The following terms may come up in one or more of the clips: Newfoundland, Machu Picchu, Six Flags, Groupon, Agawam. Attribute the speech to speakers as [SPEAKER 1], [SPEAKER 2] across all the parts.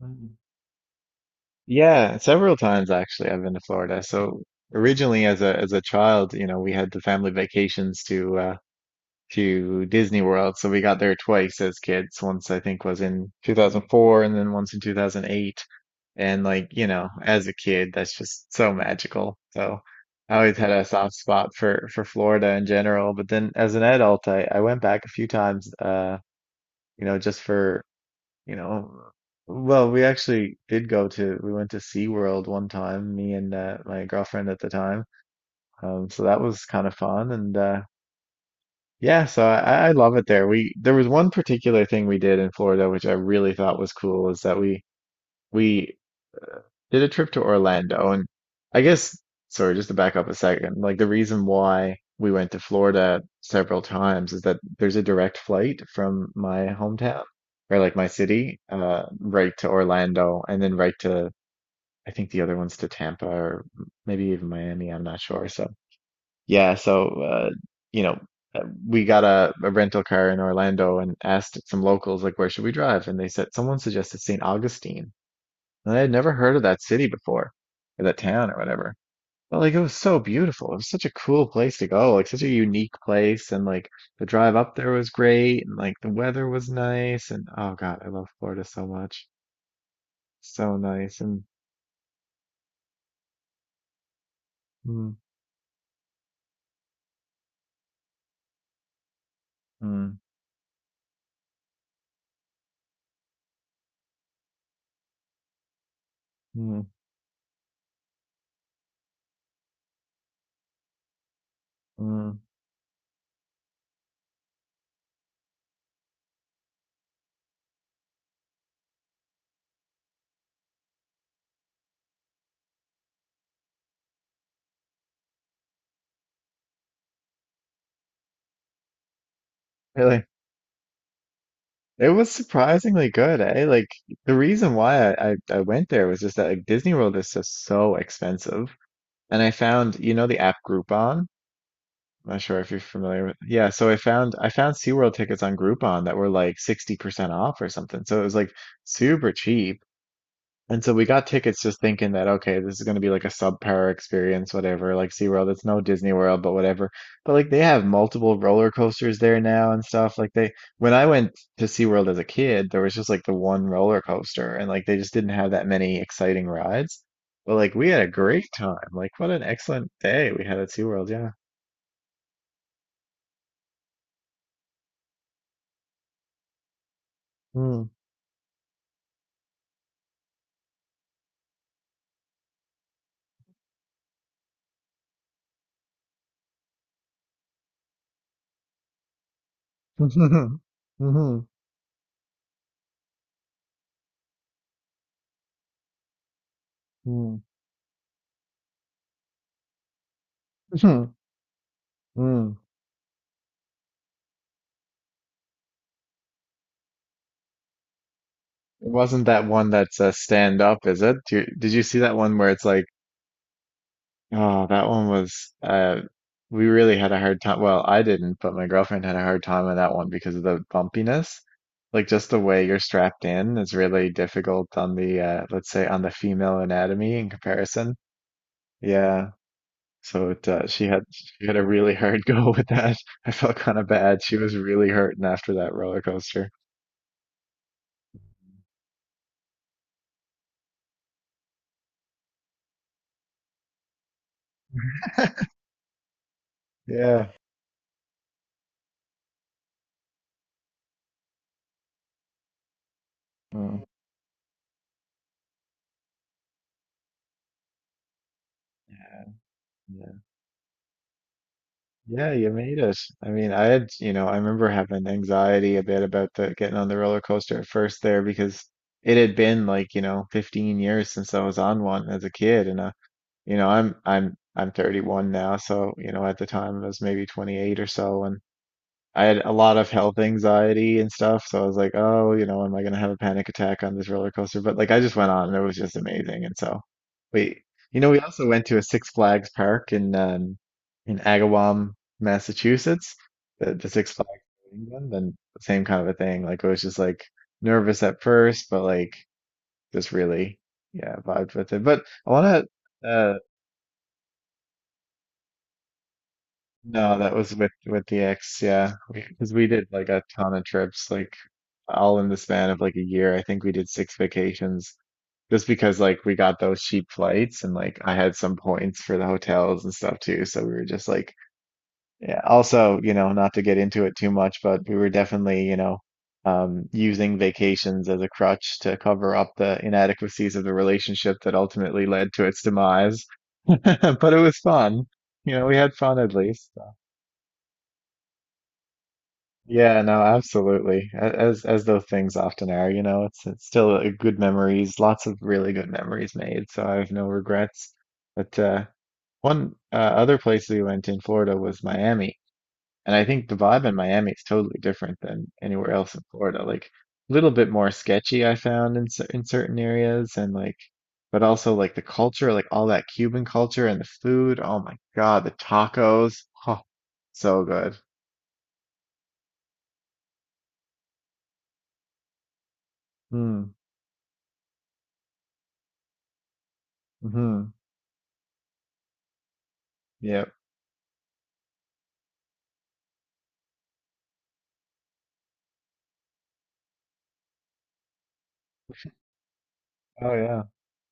[SPEAKER 1] Mm. Yeah, several times actually I've been to Florida. So originally as a child, you know, we had the family vacations to Disney World. So we got there twice as kids. Once I think was in 2004 and then once in 2008. And like, you know, as a kid, that's just so magical. So I always had a soft spot for Florida in general, but then as an adult, I went back a few times you know, just for you know, well, we actually we went to SeaWorld one time, me and my girlfriend at the time. So that was kind of fun. And yeah, so I love it there. There was one particular thing we did in Florida, which I really thought was cool, is that we did a trip to Orlando. And I guess, sorry, just to back up a second, like the reason why we went to Florida several times is that there's a direct flight from my hometown or like my city, right to Orlando and then right to, I think the other one's to Tampa or maybe even Miami. I'm not sure. So yeah, you know, uh, we got a rental car in Orlando and asked some locals, like, where should we drive? And they said, someone suggested St. Augustine. And I had never heard of that city before, or that town or whatever. But like it was so beautiful. It was such a cool place to go, like such a unique place. And like the drive up there was great, and like the weather was nice. And, oh God, I love Florida so much. So nice. And mm, mm, mm, mm. Really, it was surprisingly good, eh? Like the reason why I went there was just that like Disney World is just so expensive. And I found, you know, the app Groupon. I'm not sure if you're familiar with. Yeah, so I found SeaWorld tickets on Groupon that were like 60% off or something. So it was like super cheap. And so we got tickets just thinking that, okay, this is going to be like a subpar experience whatever, like SeaWorld, it's no Disney World but whatever. But like they have multiple roller coasters there now and stuff. Like they when I went to SeaWorld as a kid, there was just like the one roller coaster and like they just didn't have that many exciting rides. But like we had a great time. Like what an excellent day we had at SeaWorld, yeah. Hmm. Mhm. Mhm. Mhm. Mhm. Mhm. It wasn't that one that's stand up, is it? Did you see that one where it's like, oh, that one was, we really had a hard time. Well, I didn't, but my girlfriend had a hard time on that one because of the bumpiness. Like just the way you're strapped in is really difficult on the, let's say, on the female anatomy in comparison. Yeah. So, it, she had a really hard go with that. I felt kind of bad. She was really hurting after that roller coaster. Yeah. Oh, yeah. Yeah, you made it. I mean, I had, you know, I remember having anxiety a bit about the getting on the roller coaster at first there because it had been like, you know, 15 years since I was on one as a kid and you know, I'm 31 now, so, you know, at the time I was maybe 28 or so. I had a lot of health anxiety and stuff, so I was like, oh, you know, am I gonna have a panic attack on this roller coaster? But like I just went on and it was just amazing. And so we, you know, we also went to a Six Flags park in Agawam, Massachusetts, the Six Flags in England, and same kind of a thing. Like I was just like nervous at first, but like just really, yeah, vibed with it. But I wanna uh no, that was with the ex, yeah, because we 'cause we did like a ton of trips, like all in the span of like a year. I think we did 6 vacations just because like we got those cheap flights and like I had some points for the hotels and stuff too. So we were just like, yeah. Also, you know, not to get into it too much, but we were definitely, you know, using vacations as a crutch to cover up the inadequacies of the relationship that ultimately led to its demise. But it was fun. You know, we had fun at least. Yeah, no, absolutely. As those things often are, you know, it's still a good memories, lots of really good memories made, so I have no regrets. But one other place we went in Florida was Miami, and I think the vibe in Miami is totally different than anywhere else in Florida. Like a little bit more sketchy I found in in certain areas and like but also like the culture, like all that Cuban culture and the food. Oh my God, the tacos. Oh, so good. Mm, hmm. Yep. Oh yeah,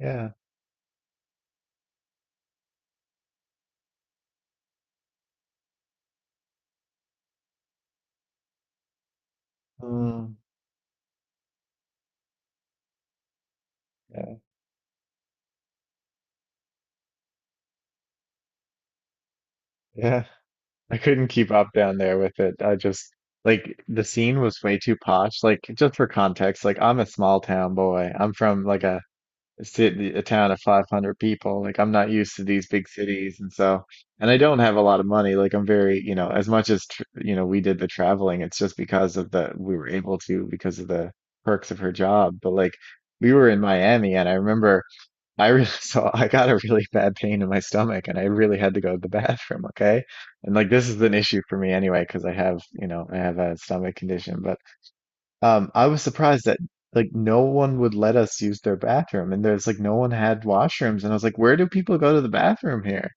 [SPEAKER 1] yeah, mm, yeah, yeah. I couldn't keep up down there with it. I just like the scene was way too posh. Like just for context, like I'm a small town boy. I'm from like a town of 500 people. Like I'm not used to these big cities, and so and I don't have a lot of money. Like I'm very, you know, as much as tr you know, we did the traveling. It's just because of the we were able to because of the perks of her job. But like we were in Miami, and I remember. I really, so I got a really bad pain in my stomach and I really had to go to the bathroom, okay? And like this is an issue for me anyway because I have, you know, I have a stomach condition, but I was surprised that like no one would let us use their bathroom and there's like no one had washrooms and I was like, where do people go to the bathroom here?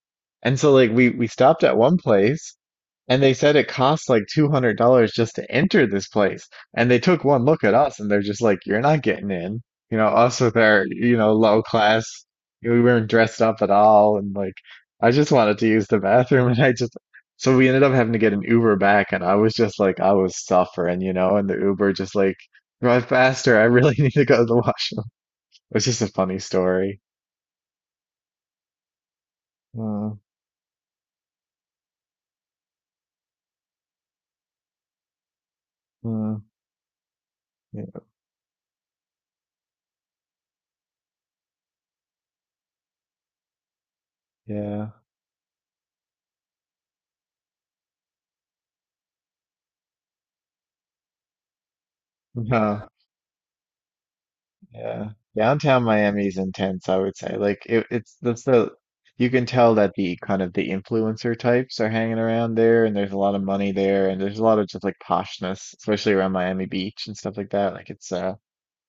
[SPEAKER 1] And so like we stopped at one place and they said it costs like $200 just to enter this place. And they took one look at us and they're just like, you're not getting in. You know, us with our, you know, low class, we weren't dressed up at all. And like, I just wanted to use the bathroom. And so we ended up having to get an Uber back. And I was just like, I was suffering, you know, and the Uber just like, drive faster. I really need to go to the washroom. It's just a funny story. Uh, uh, yeah. Yeah. Yeah. Downtown Miami is intense, I would say. Like it, it's that's the you can tell that the kind of the influencer types are hanging around there and there's a lot of money there and there's a lot of just like poshness, especially around Miami Beach and stuff like that. Like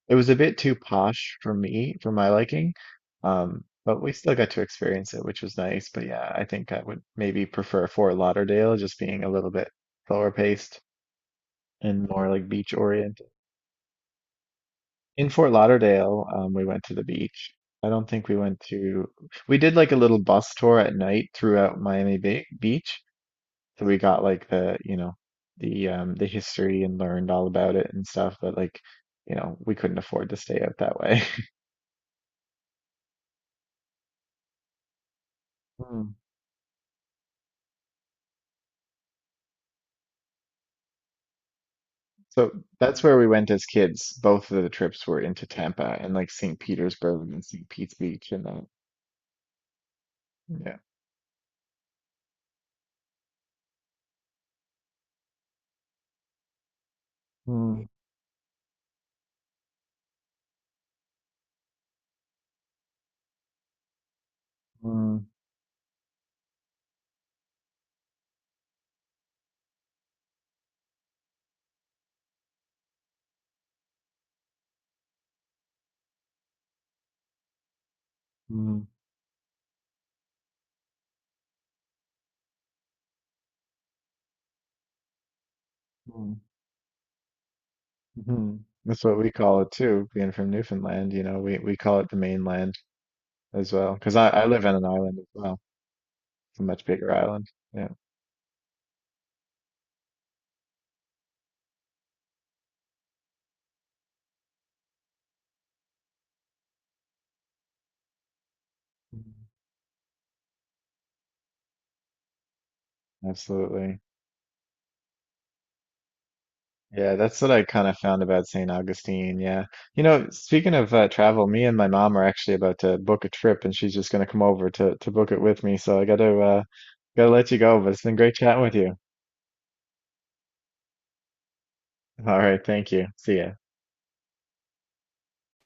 [SPEAKER 1] it was a bit too posh for me, for my liking. But we still got to experience it, which was nice. But yeah, I think I would maybe prefer Fort Lauderdale just being a little bit slower paced and more like beach oriented. In Fort Lauderdale, we went to the beach. I don't think we went to, we did like a little bus tour at night throughout Miami Bay Beach. So we got like the, you know, the history and learned all about it and stuff, but like, you know, we couldn't afford to stay out that way. Mm. So that's where we went as kids. Both of the trips were into Tampa and like St. Petersburg and St. Pete's Beach and that. Yeah. Mm, mm, mm, mm. Hmm. That's what we call it too, being from Newfoundland, you know, we call it the mainland as well. Because I live on an island as well. It's a much bigger island. Yeah, absolutely. Yeah, that's what I kind of found about St. Augustine. Yeah. You know, speaking of travel, me and my mom are actually about to book a trip and she's just going to come over to book it with me. So I got to let you go, but it's been great chatting with you. All right, thank you. See ya.